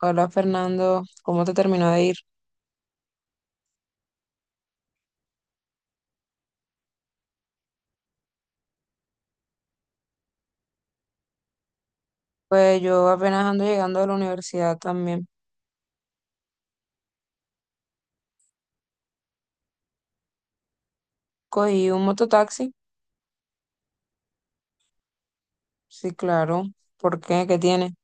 Hola Fernando, ¿cómo te terminó de ir? Pues yo apenas ando llegando de la universidad también. Cogí un mototaxi, sí, claro. ¿Por qué? ¿Qué tiene?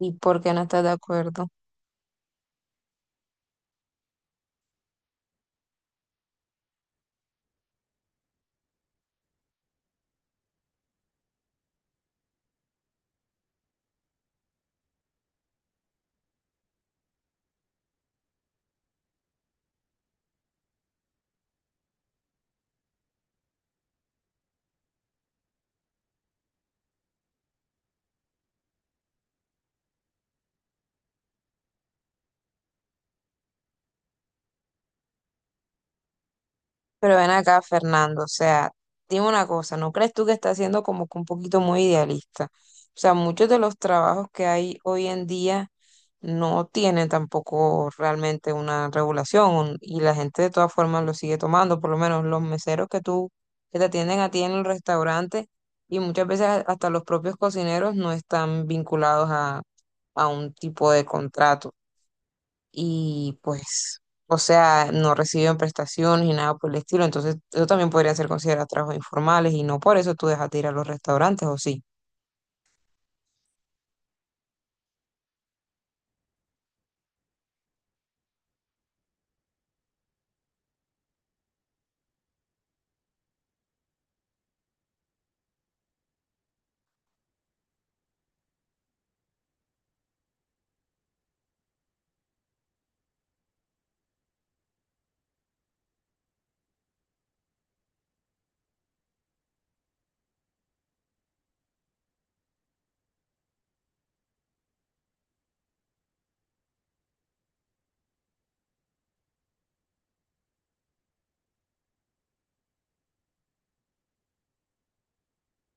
¿Y por qué no estás de acuerdo? Pero ven acá, Fernando, o sea, dime una cosa, ¿no crees tú que está siendo como que un poquito muy idealista? O sea, muchos de los trabajos que hay hoy en día no tienen tampoco realmente una regulación y la gente de todas formas lo sigue tomando, por lo menos los meseros que tú, que te atienden a ti en el restaurante y muchas veces hasta los propios cocineros no están vinculados a un tipo de contrato y pues, o sea, no reciben prestaciones ni nada por el estilo. Entonces, eso también podría ser considerado trabajos informales y no por eso tú dejas de ir a los restaurantes, ¿o sí?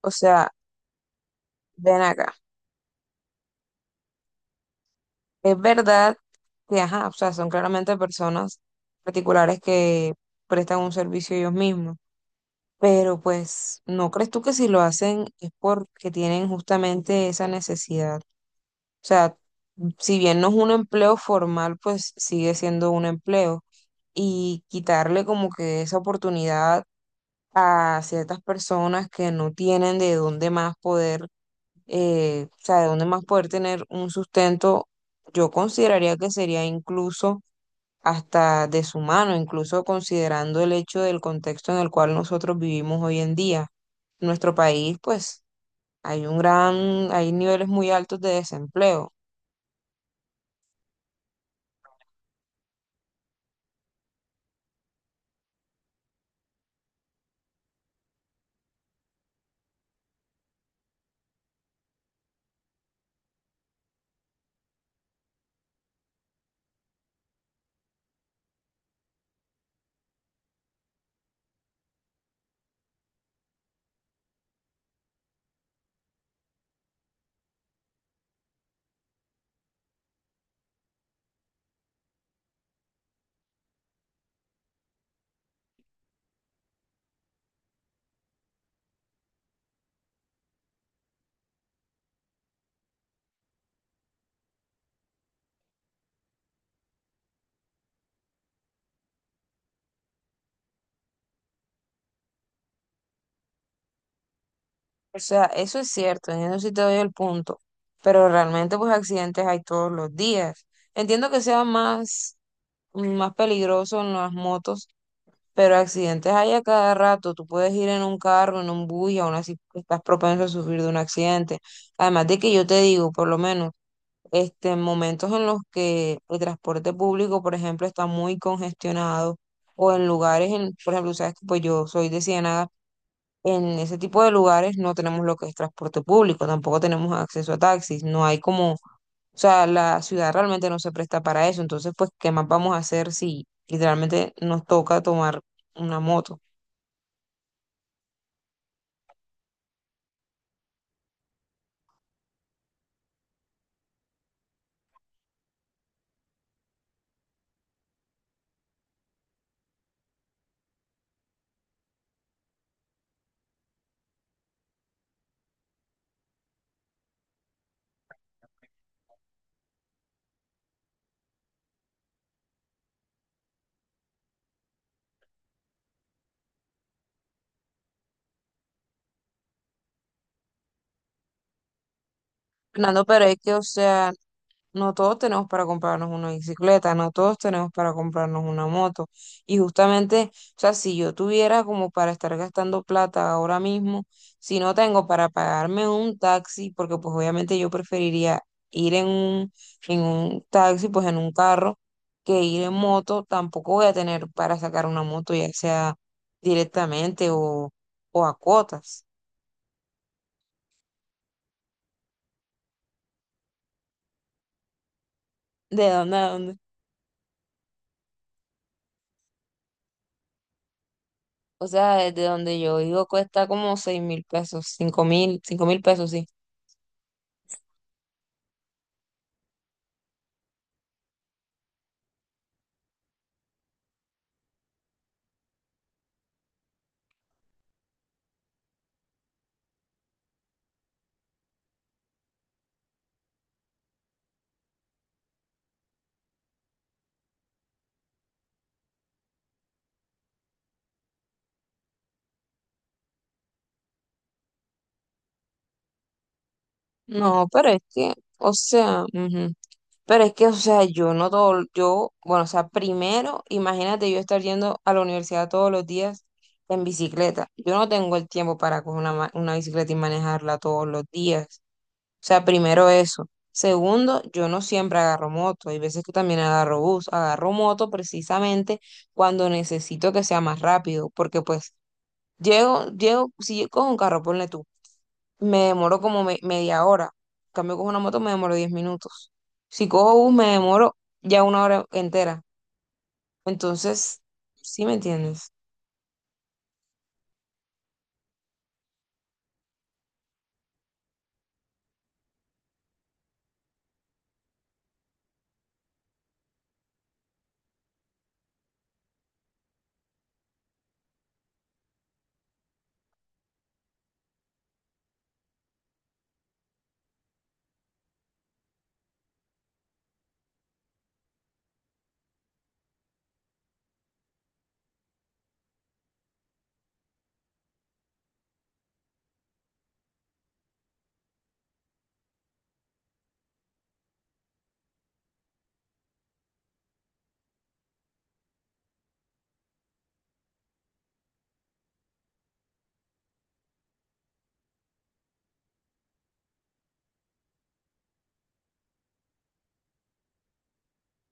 O sea, ven acá. Es verdad que, ajá, o sea, son claramente personas particulares que prestan un servicio ellos mismos. Pero pues, ¿no crees tú que si lo hacen es porque tienen justamente esa necesidad? O sea, si bien no es un empleo formal, pues sigue siendo un empleo, y quitarle como que esa oportunidad a ciertas personas que no tienen de dónde más poder, o sea, de dónde más poder tener un sustento, yo consideraría que sería incluso hasta deshumano, incluso considerando el hecho del contexto en el cual nosotros vivimos hoy en día. En nuestro país, pues, hay niveles muy altos de desempleo. O sea, eso es cierto, en eso sí te doy el punto, pero realmente pues accidentes hay todos los días. Entiendo que sea más, más peligroso en las motos, pero accidentes hay a cada rato. Tú puedes ir en un carro, en un bus y aún así estás propenso a sufrir de un accidente. Además de que yo te digo, por lo menos, en momentos en los que el transporte público, por ejemplo, está muy congestionado o en lugares, por ejemplo, sabes que pues yo soy de Ciénaga. En ese tipo de lugares no tenemos lo que es transporte público, tampoco tenemos acceso a taxis, no hay como, o sea, la ciudad realmente no se presta para eso, entonces pues, ¿qué más vamos a hacer si literalmente nos toca tomar una moto? Fernando, pero es que, o sea, no todos tenemos para comprarnos una bicicleta, no todos tenemos para comprarnos una moto. Y justamente, o sea, si yo tuviera como para estar gastando plata ahora mismo, si no tengo para pagarme un taxi, porque pues obviamente yo preferiría ir en un taxi, pues en un carro, que ir en moto, tampoco voy a tener para sacar una moto, ya sea directamente o a cuotas. ¿De dónde a dónde? O sea, desde donde yo vivo cuesta como 6.000 pesos, 5.000, 5.000 pesos, sí. No, pero es que, o sea, ujú. Pero es que, o sea, yo no todo, yo, bueno, o sea, primero, imagínate yo estar yendo a la universidad todos los días en bicicleta. Yo no tengo el tiempo para coger una, una bicicleta y manejarla todos los días. O sea, primero eso. Segundo, yo no siempre agarro moto. Hay veces que también agarro bus. Agarro moto precisamente cuando necesito que sea más rápido, porque pues llego, llego, si yo cojo un carro, ponle tú, me demoro como media hora. En cambio, cojo una moto, me demoro 10 minutos. Si cojo bus, me demoro ya una hora entera. Entonces, ¿sí me entiendes?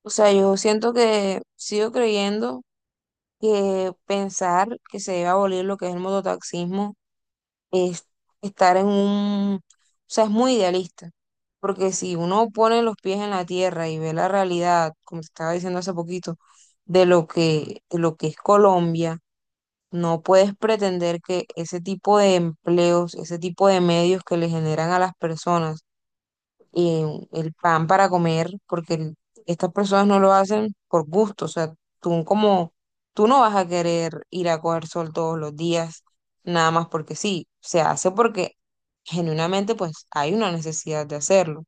O sea, yo siento que sigo creyendo que pensar que se debe abolir lo que es el mototaxismo es o sea, es muy idealista, porque si uno pone los pies en la tierra y ve la realidad, como te estaba diciendo hace poquito, de lo que es Colombia, no puedes pretender que ese tipo de empleos, ese tipo de medios que le generan a las personas, eh, el pan para comer, estas personas no lo hacen por gusto, o sea, tú como, tú no vas a querer ir a coger sol todos los días, nada más porque sí, se hace porque genuinamente pues hay una necesidad de hacerlo.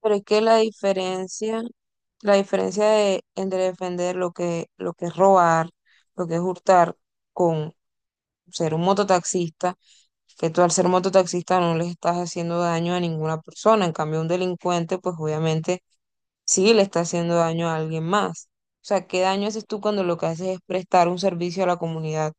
Pero es que la diferencia, entre defender lo que es robar, lo que es hurtar, con ser un mototaxista, que tú al ser mototaxista no le estás haciendo daño a ninguna persona, en cambio un delincuente pues obviamente sí le está haciendo daño a alguien más. O sea, ¿qué daño haces tú cuando lo que haces es prestar un servicio a la comunidad?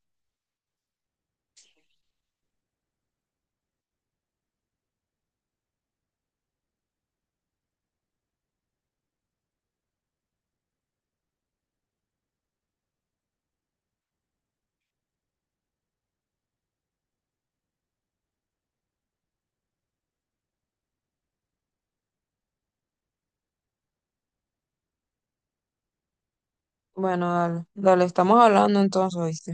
Bueno, dale, dale, estamos hablando entonces, ¿oíste?